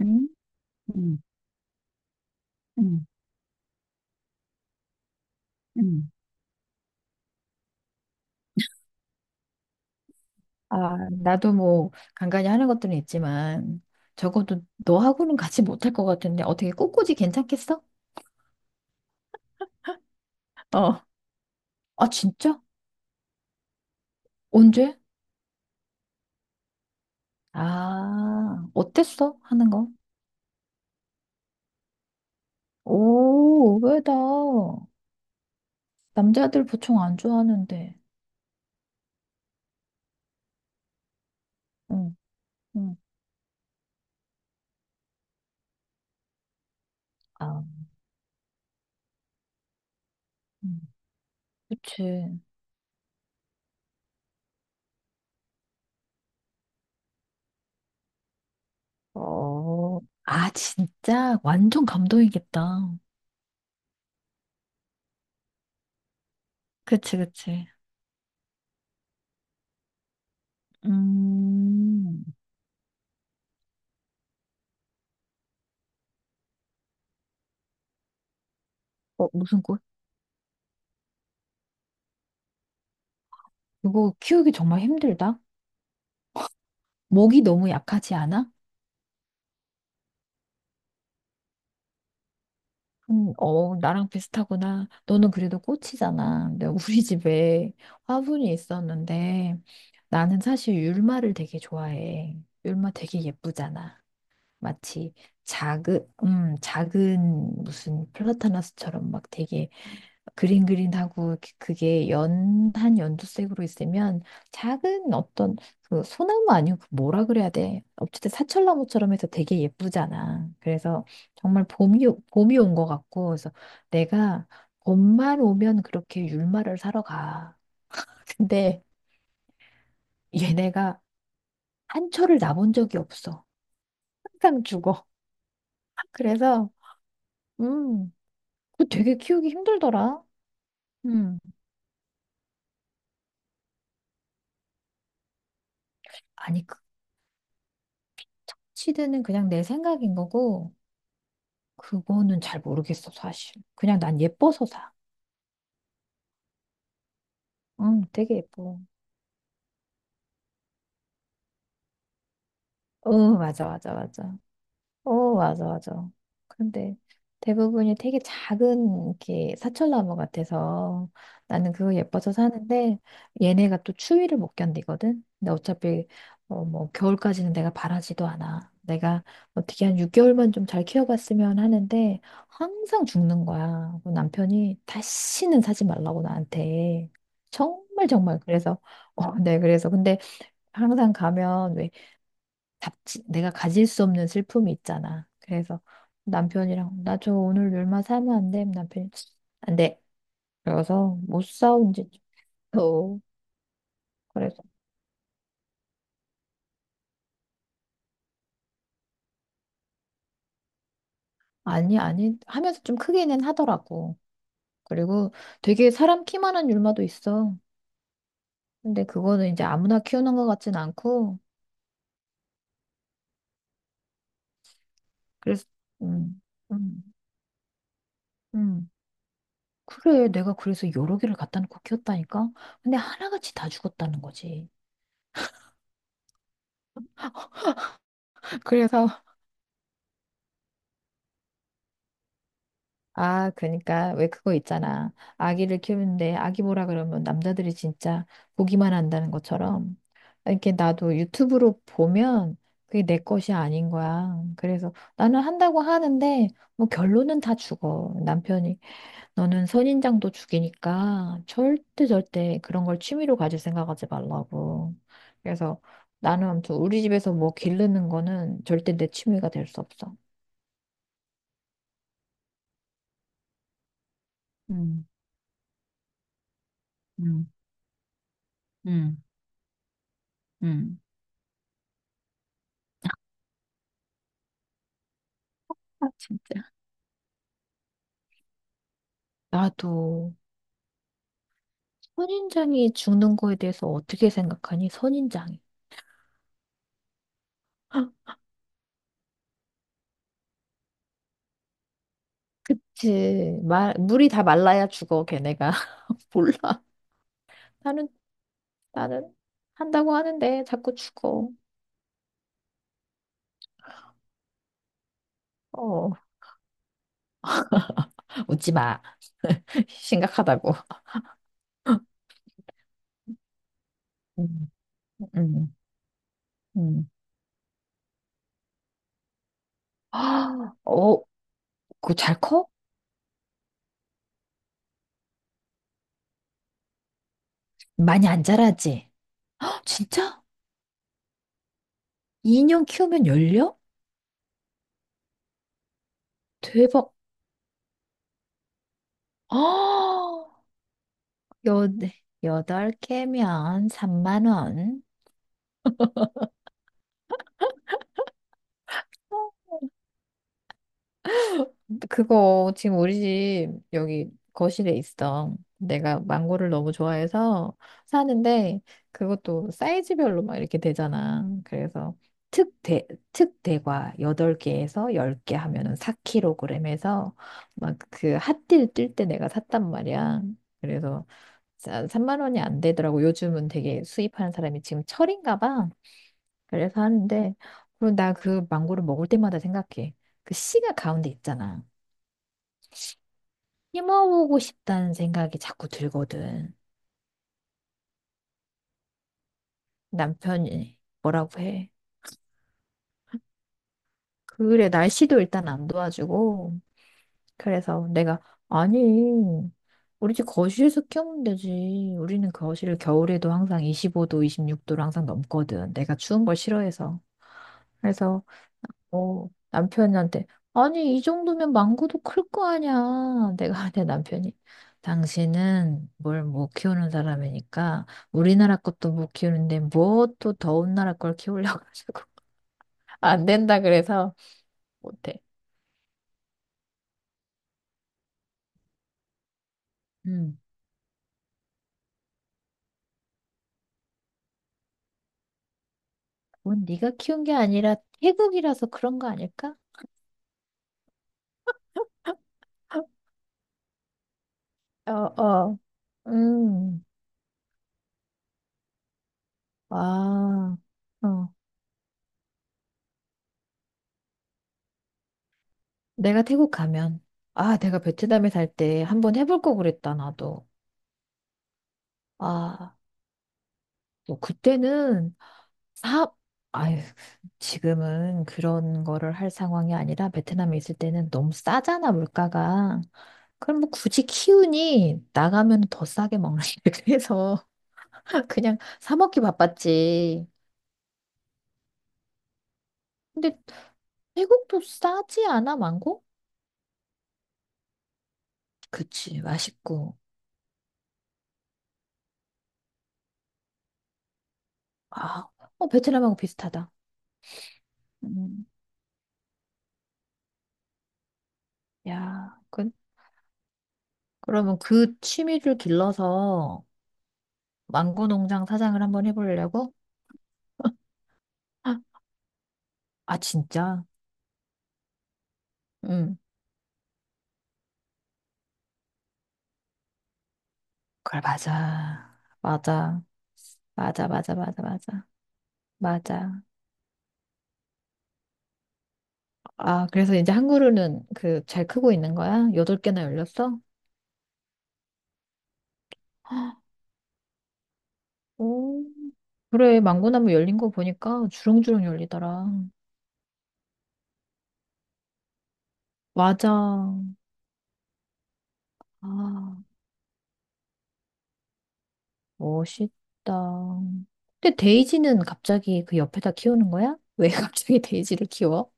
음, 음, 음, 음. 아, 나도 뭐 간간히 하는 것들은 있지만 적어도 너하고는 같이 못할 것 같은데 어떻게 꽃꽂이 괜찮겠어? 어, 아, 진짜? 언제? 아, 어땠어? 하는 거? 오, 의외다. 남자들 보통 안 좋아하는데. 응, 응. 아, 음, 그치. 어, 아, 진짜? 완전 감동이겠다. 그치, 그치. 음, 어, 무슨 이거 키우기 정말 힘들다. 목이 너무 약하지 않아? 어, 나랑 비슷하구나. 너는 그래도 꽃이잖아. 근데 우리 집에 화분이 있었는데 나는 사실 율마를 되게 좋아해. 율마 되게 예쁘잖아. 마치 작은, 작은 무슨 플라타나스처럼 막 되게 그린그린하고 이렇게 그게 연한 연두색으로 있으면 작은 어떤 그 소나무 아니고 그 뭐라 그래야 돼. 어쨌든 사철나무처럼 해서 되게 예쁘잖아. 그래서 정말 봄이, 오- 봄이 온 것 같고, 그래서 내가 봄만 오면 그렇게 율마를 사러 가. 근데 얘네가 한 초를 나 본 적이 없어. 항상 죽어. 그래서, 음. 그거 되게 키우기 힘들더라. 음. 아니, 그 착취드는 그냥 내 생각인 거고, 그거는 잘 모르겠어, 사실. 그냥 난 예뻐서 사. 응, 되게 예뻐. 어, 맞아, 맞아, 맞아. 오, 맞아, 맞아. 그런데 대부분이 되게 작은 이렇게 사철나무 같아서 나는 그거 예뻐서 사는데 얘네가 또 추위를 못 견디거든. 근데 어차피 어, 뭐 겨울까지는 내가 바라지도 않아. 내가 어떻게 한 6개월만 좀 잘 키워봤으면 하는데 항상 죽는 거야. 그 남편이 다시는 사지 말라고 나한테. 정말 정말 그래서 어, 네 그래서 근데 항상 가면 왜 잡지, 내가 가질 수 없는 슬픔이 있잖아. 그래서 남편이랑 나 저 오늘 얼마 사면 안 돼? 남편이 안 돼. 그래서 못 사온 지 어. 그래서 아니 아니 하면서 좀 크게는 하더라고. 그리고 되게 사람 키만한 율마도 있어. 근데 그거는 이제 아무나 키우는 것 같진 않고 그래서 음, 음, 음. 그래 내가 그래서 여러 개를 갖다 놓고 키웠다니까. 근데 하나같이 다 죽었다는 거지. 그래서 아, 그러니까 왜 그거 있잖아. 아기를 키우는데 아기 보라 그러면 남자들이 진짜 보기만 한다는 것처럼 이렇게 나도 유튜브로 보면 그게 내 것이 아닌 거야. 그래서 나는 한다고 하는데 뭐 결론은 다 죽어. 남편이 너는 선인장도 죽이니까 절대 절대 그런 걸 취미로 가질 생각하지 말라고. 그래서 나는 아무튼 우리 집에서 뭐 기르는 거는 절대 내 취미가 될 수 없어. 음, 음, 음, 음. 아, 진짜. 나도 선인장이 죽는 거에 대해서 어떻게 생각하니? 선인장이. 그치. 말, 물이 다 말라야 죽어, 걔네가. 몰라. 나는, 나는 한다고 하는데 자꾸 죽어. 어. 웃지 마. 심각하다고. 음, 음, 음. 아, 어, 그거 잘 커? 많이 안 자라지? 헉, 진짜? 2년 키우면 열려? 대박. 아, 여, 여덟 개면 3만 원. 그거 지금 우리 집 여기 거실에 있어. 내가 망고를 너무 좋아해서 사는데 그것도 사이즈별로 막 이렇게 되잖아. 그래서 특대, 특대과 8개에서 10개 하면은 4kg에서 막 그 핫딜 뜰 때 내가 샀단 말이야. 그래서 자, 3만 원이 안 되더라고. 요즘은 되게 수입하는 사람이 지금 철인가 봐. 그래서 하는데 그리고 나 그 망고를 먹을 때마다 생각해. 그 씨가 가운데 있잖아. 힘어보고 싶다는 생각이 자꾸 들거든. 남편이 뭐라고 해. 그래, 날씨도 일단 안 도와주고. 그래서 내가, 아니, 우리 집 거실에서 키우면 되지. 우리는 거실을 겨울에도 항상 25도, 26도로 항상 넘거든. 내가 추운 걸 싫어해서. 그래서 어, 남편한테, 아니, 이 정도면 망고도 클 거 아니야. 내가 내 남편이, 당신은 뭘 못 키우는 사람이니까, 우리나라 것도 못 키우는데, 뭐 또 더운 나라 걸 키우려고 하자고. 안 된다 그래서 못해. 음, 뭔 네가 키운 게 아니라 태국이라서 그런 거 아닐까? 어, 어, 음, 아, 어. 내가 태국 가면, 아, 내가 베트남에 살 때 한번 해볼 거 그랬다, 나도. 아. 뭐 그때는 사업, 아유, 지금은 그런 거를 할 상황이 아니라 베트남에 있을 때는 너무 싸잖아, 물가가. 그럼 뭐 굳이 키우니 나가면 더 싸게 먹는 그래서 그냥 사 먹기 바빴지. 근데 태국도 싸지 않아, 망고? 그치, 맛있고. 아, 어, 베트남하고 비슷하다. 음, 야, 그, 그러면 그 취미를 길러서 망고 농장 사장을 한번 해보려고? 아, 진짜? 응. 그래, 맞아. 맞아. 맞아, 맞아, 맞아, 맞아. 맞아. 아, 그래서 이제 한 그루는 그 잘 크고 있는 거야? 8개나 열렸어? 오, 그래. 망고나무 열린 거 보니까 주렁주렁 열리더라. 맞아. 아, 멋있다. 근데 데이지는 갑자기 그 옆에다 키우는 거야? 왜 갑자기 데이지를 키워?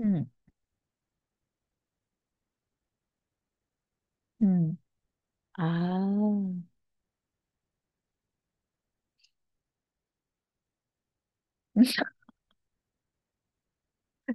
응, 응. 아,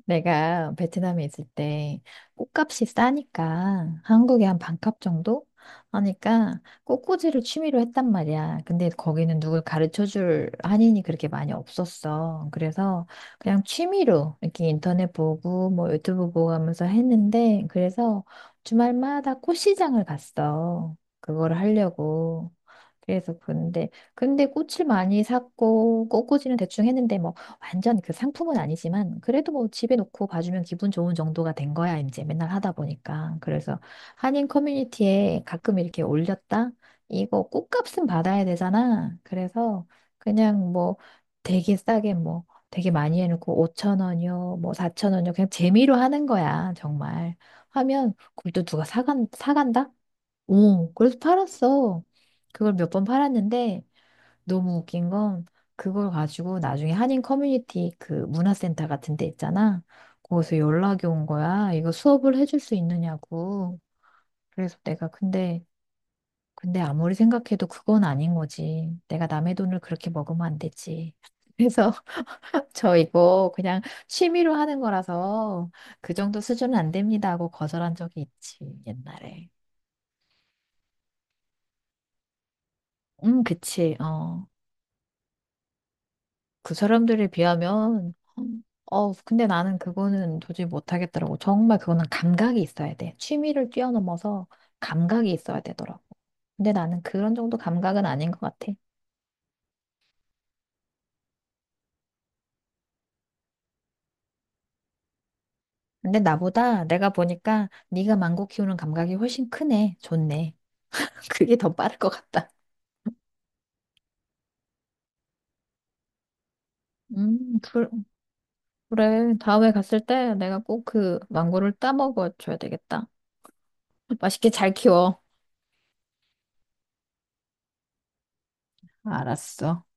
내가 베트남에 있을 때 꽃값이 싸니까 한국에 한 반값 정도 하니까 꽃꽂이를 취미로 했단 말이야. 근데 거기는 누굴 가르쳐 줄 한인이 그렇게 많이 없었어. 그래서 그냥 취미로 이렇게 인터넷 보고 뭐 유튜브 보고 하면서 했는데 그래서 주말마다 꽃시장을 갔어. 그걸 하려고. 그래서 근데 근데 꽃을 많이 샀고 꽃꽂이는 대충 했는데 뭐 완전 그 상품은 아니지만 그래도 뭐 집에 놓고 봐주면 기분 좋은 정도가 된 거야. 이제 맨날 하다 보니까 그래서 한인 커뮤니티에 가끔 이렇게 올렸다. 이거 꽃값은 받아야 되잖아. 그래서 그냥 뭐 되게 싸게 뭐 되게 많이 해놓고 5천 원이요 뭐 4천 원이요 그냥 재미로 하는 거야 정말. 하면 그걸 또 누가 사간 사간다? 오 그래서 팔았어. 그걸 몇 번 팔았는데 너무 웃긴 건 그걸 가지고 나중에 한인 커뮤니티 그 문화센터 같은 데 있잖아. 거기서 연락이 온 거야. 이거 수업을 해줄 수 있느냐고. 그래서 내가 근데 근데 아무리 생각해도 그건 아닌 거지. 내가 남의 돈을 그렇게 먹으면 안 되지. 그래서 저 이거 그냥 취미로 하는 거라서 그 정도 수준은 안 됩니다 하고 거절한 적이 있지, 옛날에. 그치. 어. 그 사람들에 비하면, 어, 근데 나는 그거는 도저히 못하겠더라고. 정말 그거는 감각이 있어야 돼. 취미를 뛰어넘어서 감각이 있어야 되더라고. 근데 나는 그런 정도 감각은 아닌 것 같아. 근데 나보다 내가 보니까 네가 망고 키우는 감각이 훨씬 크네. 좋네. 그게 더 빠를 것 같다. 그, 그래. 다음에 갔을 때 내가 꼭 그 망고를 따먹어 줘야 되겠다. 맛있게 잘 키워. 알았어.